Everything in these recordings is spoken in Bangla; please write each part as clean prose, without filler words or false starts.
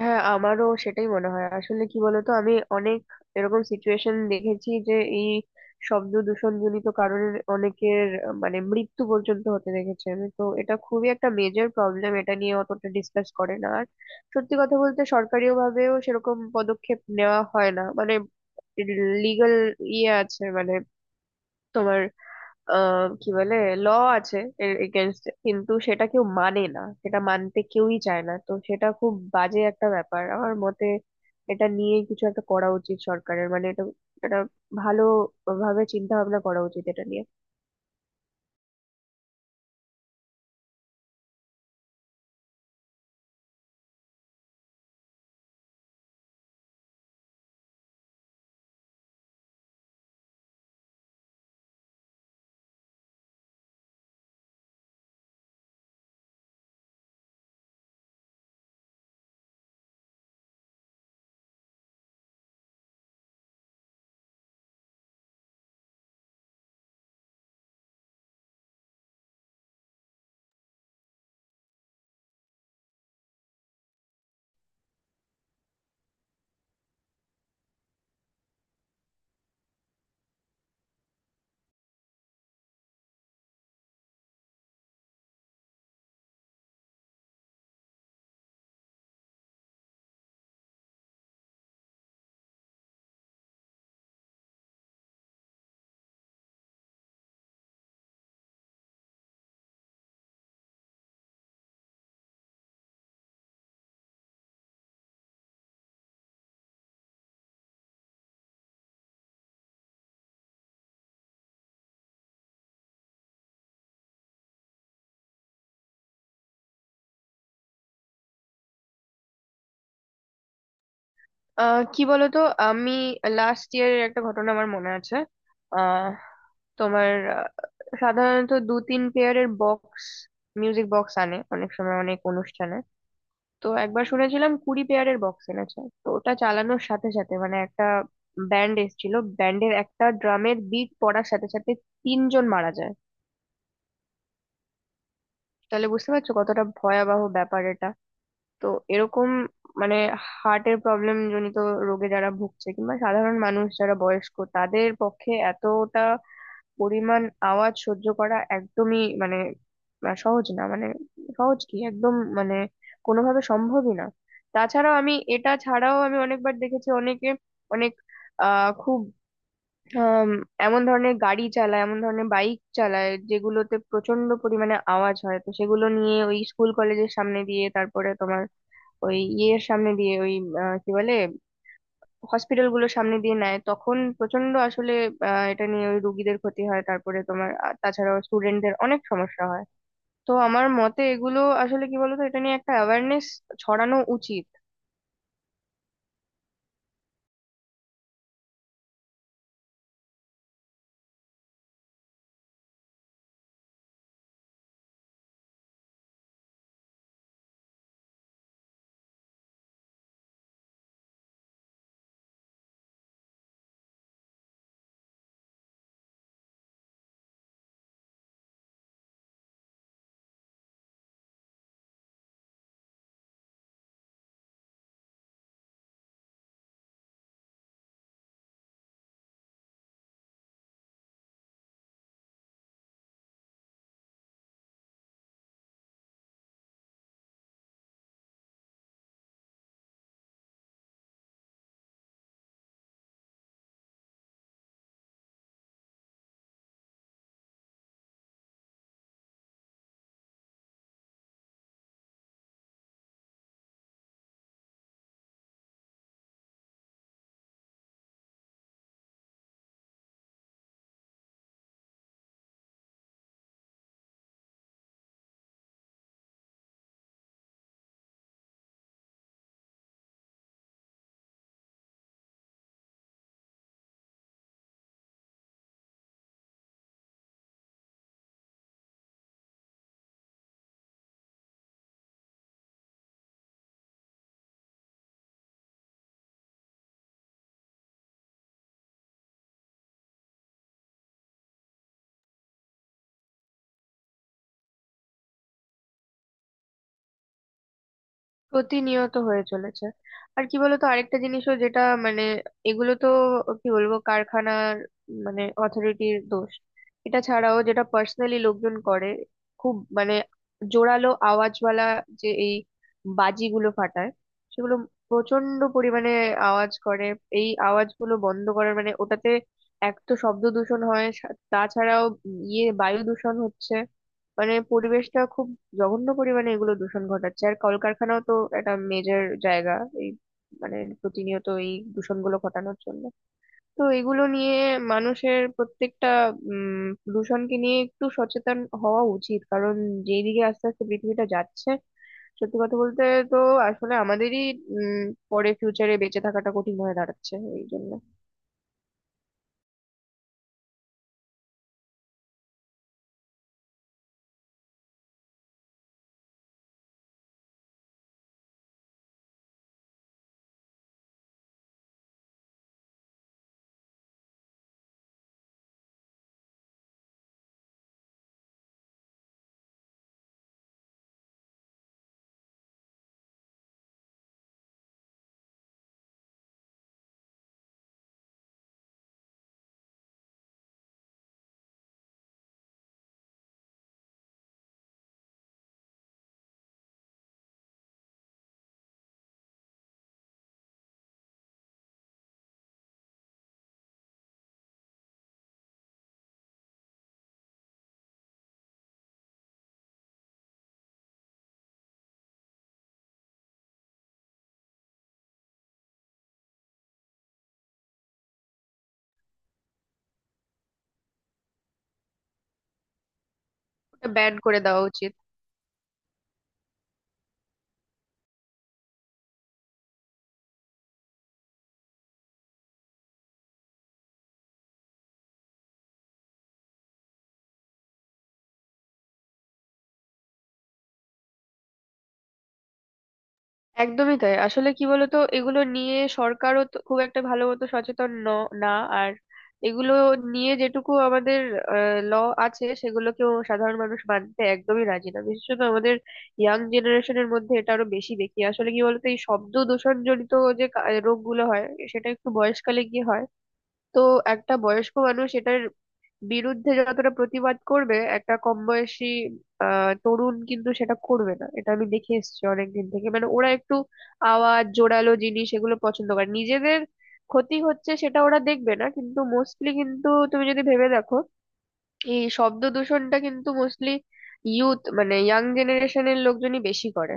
হ্যাঁ, আমারও সেটাই মনে হয়। আসলে কি বলতো, আমি অনেক এরকম সিচুয়েশন দেখেছি যে এই শব্দ দূষণ জনিত কারণে অনেকের মানে মৃত্যু পর্যন্ত হতে দেখেছি। আমি তো, এটা খুবই একটা মেজর প্রবলেম, এটা নিয়ে অতটা ডিসকাস করে না। আর সত্যি কথা বলতে সরকারিও ভাবেও সেরকম পদক্ষেপ নেওয়া হয় না, মানে লিগ্যাল ইয়ে আছে, মানে তোমার কি বলে, ল আছে, এর এগেনস্টে কিন্তু সেটা কেউ মানে না, সেটা মানতে কেউই চায় না। তো সেটা খুব বাজে একটা ব্যাপার আমার মতে। এটা নিয়ে কিছু একটা করা উচিত সরকারের, মানে এটা এটা ভালো ভাবে চিন্তা ভাবনা করা উচিত এটা নিয়ে। কি বলতো, আমি লাস্ট ইয়ারের একটা ঘটনা আমার মনে আছে। আহ তোমার, আহ, সাধারণত 2-3 পেয়ারের বক্স, মিউজিক বক্স আনে অনেক সময় অনেক অনুষ্ঠানে। তো একবার শুনেছিলাম 20 পেয়ারের বক্স এনেছে, তো ওটা চালানোর সাথে সাথে মানে একটা ব্যান্ড এসেছিল, ব্যান্ডের একটা ড্রামের বিট পড়ার সাথে সাথে তিনজন মারা যায়। তাহলে বুঝতে পারছো কতটা ভয়াবহ ব্যাপার এটা। তো এরকম মানে হার্টের প্রবলেম জনিত রোগে যারা ভুগছে কিংবা সাধারণ মানুষ যারা বয়স্ক, তাদের পক্ষে এতটা পরিমাণ আওয়াজ সহ্য করা একদমই মানে সহজ না, মানে সহজ কি একদম মানে কোনোভাবে সম্ভবই না। তাছাড়াও আমি এটা ছাড়াও আমি অনেকবার দেখেছি অনেকে অনেক খুব আম, এমন ধরনের গাড়ি চালায়, এমন ধরনের বাইক চালায় যেগুলোতে প্রচন্ড পরিমাণে আওয়াজ হয়। তো সেগুলো নিয়ে ওই স্কুল কলেজের সামনে দিয়ে, তারপরে তোমার ওই ইয়ের সামনে দিয়ে ওই কি বলে, হসপিটাল গুলোর সামনে দিয়ে নেয়, তখন প্রচন্ড আসলে এটা নিয়ে ওই রুগীদের ক্ষতি হয়। তারপরে তোমার তাছাড়াও স্টুডেন্টদের অনেক সমস্যা হয়। তো আমার মতে এগুলো আসলে কি বলতো, এটা নিয়ে একটা অ্যাওয়ারনেস ছড়ানো উচিত। প্রতিনিয়ত হয়ে চলেছে। আর কি বলতো, আরেকটা জিনিসও যেটা মানে, এগুলো তো কি বলবো কারখানার মানে অথরিটির দোষ। এটা ছাড়াও যেটা পার্সোনালি লোকজন করে, খুব মানে জোরালো আওয়াজওয়ালা যে এই বাজিগুলো ফাটায়, সেগুলো প্রচন্ড পরিমাণে আওয়াজ করে। এই আওয়াজগুলো বন্ধ করার মানে ওটাতে এক তো শব্দ দূষণ হয়, তাছাড়াও ইয়ে বায়ু দূষণ হচ্ছে, মানে পরিবেশটা খুব জঘন্য পরিমাণে এগুলো দূষণ ঘটাচ্ছে। আর কলকারখানাও তো একটা মেজর জায়গা এই মানে প্রতিনিয়ত এই দূষণগুলো ঘটানোর জন্য। তো এগুলো নিয়ে মানুষের প্রত্যেকটা উম দূষণকে নিয়ে একটু সচেতন হওয়া উচিত, কারণ যেদিকে আস্তে আস্তে পৃথিবীটা যাচ্ছে সত্যি কথা বলতে, তো আসলে আমাদেরই উম পরে ফিউচারে বেঁচে থাকাটা কঠিন হয়ে দাঁড়াচ্ছে এই জন্য। ব্যান করে দেওয়া উচিত। একদমই তাই। আসলে কি বলতো, এগুলো নিয়ে সরকারও তো খুব একটা ভালো মতো সচেতন না। আর এগুলো নিয়ে যেটুকু আমাদের ল আছে সেগুলোকেও সাধারণ মানুষ মানতে একদমই রাজি না, বিশেষত আমাদের ইয়াং জেনারেশনের মধ্যে এটা আরো বেশি দেখি। আসলে কি বলতো, এই শব্দ দূষণ জনিত যে রোগগুলো হয়, সেটা একটু বয়সকালে গিয়ে হয়। তো একটা বয়স্ক মানুষ এটার বিরুদ্ধে যতটা প্রতিবাদ করবে, একটা কম বয়সী তরুণ কিন্তু সেটা করবে না। এটা আমি দেখে এসেছি অনেকদিন থেকে, মানে ওরা একটু আওয়াজ জোরালো জিনিস এগুলো পছন্দ করে, নিজেদের ক্ষতি হচ্ছে সেটা ওরা দেখবে না। কিন্তু মোস্টলি কিন্তু তুমি যদি ভেবে দেখো, এই শব্দ দূষণটা কিন্তু মোস্টলি ইউথ মানে ইয়াং জেনারেশনের লোকজনই বেশি করে।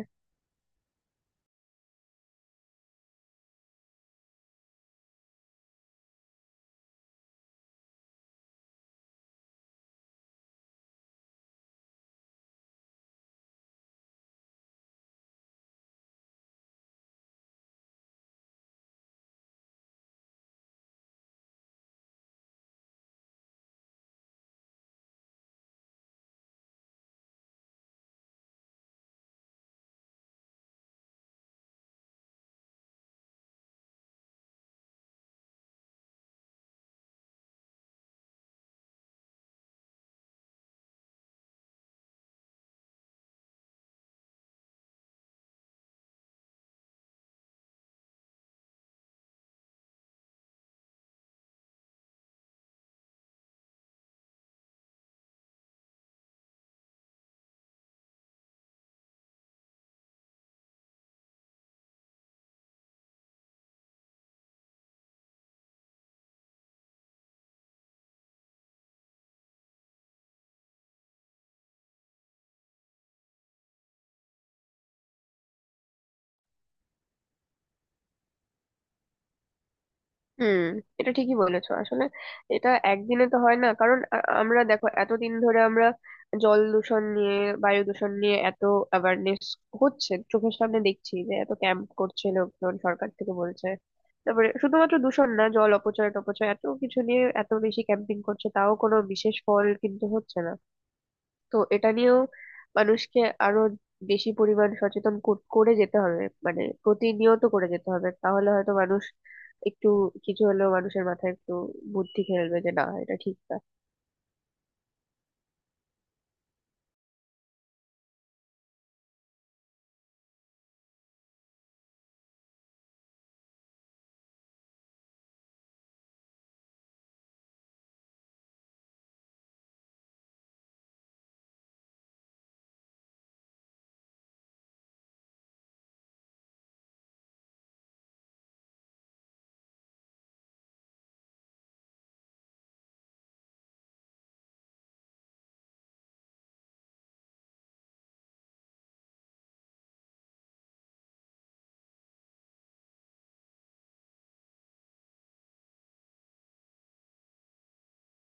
হুম। এটা ঠিকই বলেছো আসলে। এটা একদিনে তো হয় না, কারণ আমরা দেখো এতদিন ধরে আমরা জল দূষণ নিয়ে, বায়ু দূষণ নিয়ে এত অ্যাওয়ারনেস হচ্ছে চোখের সামনে দেখছি, যে এত ক্যাম্প করছে লোকজন, সরকার থেকে বলছে, তারপরে শুধুমাত্র দূষণ না, জল অপচয় টপচয় এত কিছু নিয়ে এত বেশি ক্যাম্পিং করছে, তাও কোনো বিশেষ ফল কিন্তু হচ্ছে না। তো এটা নিয়েও মানুষকে আরো বেশি পরিমাণ সচেতন করে যেতে হবে, মানে প্রতিনিয়ত করে যেতে হবে, তাহলে হয়তো মানুষ একটু কিছু হলেও মানুষের মাথায় একটু বুদ্ধি খেলবে যে না, এটা ঠিক না।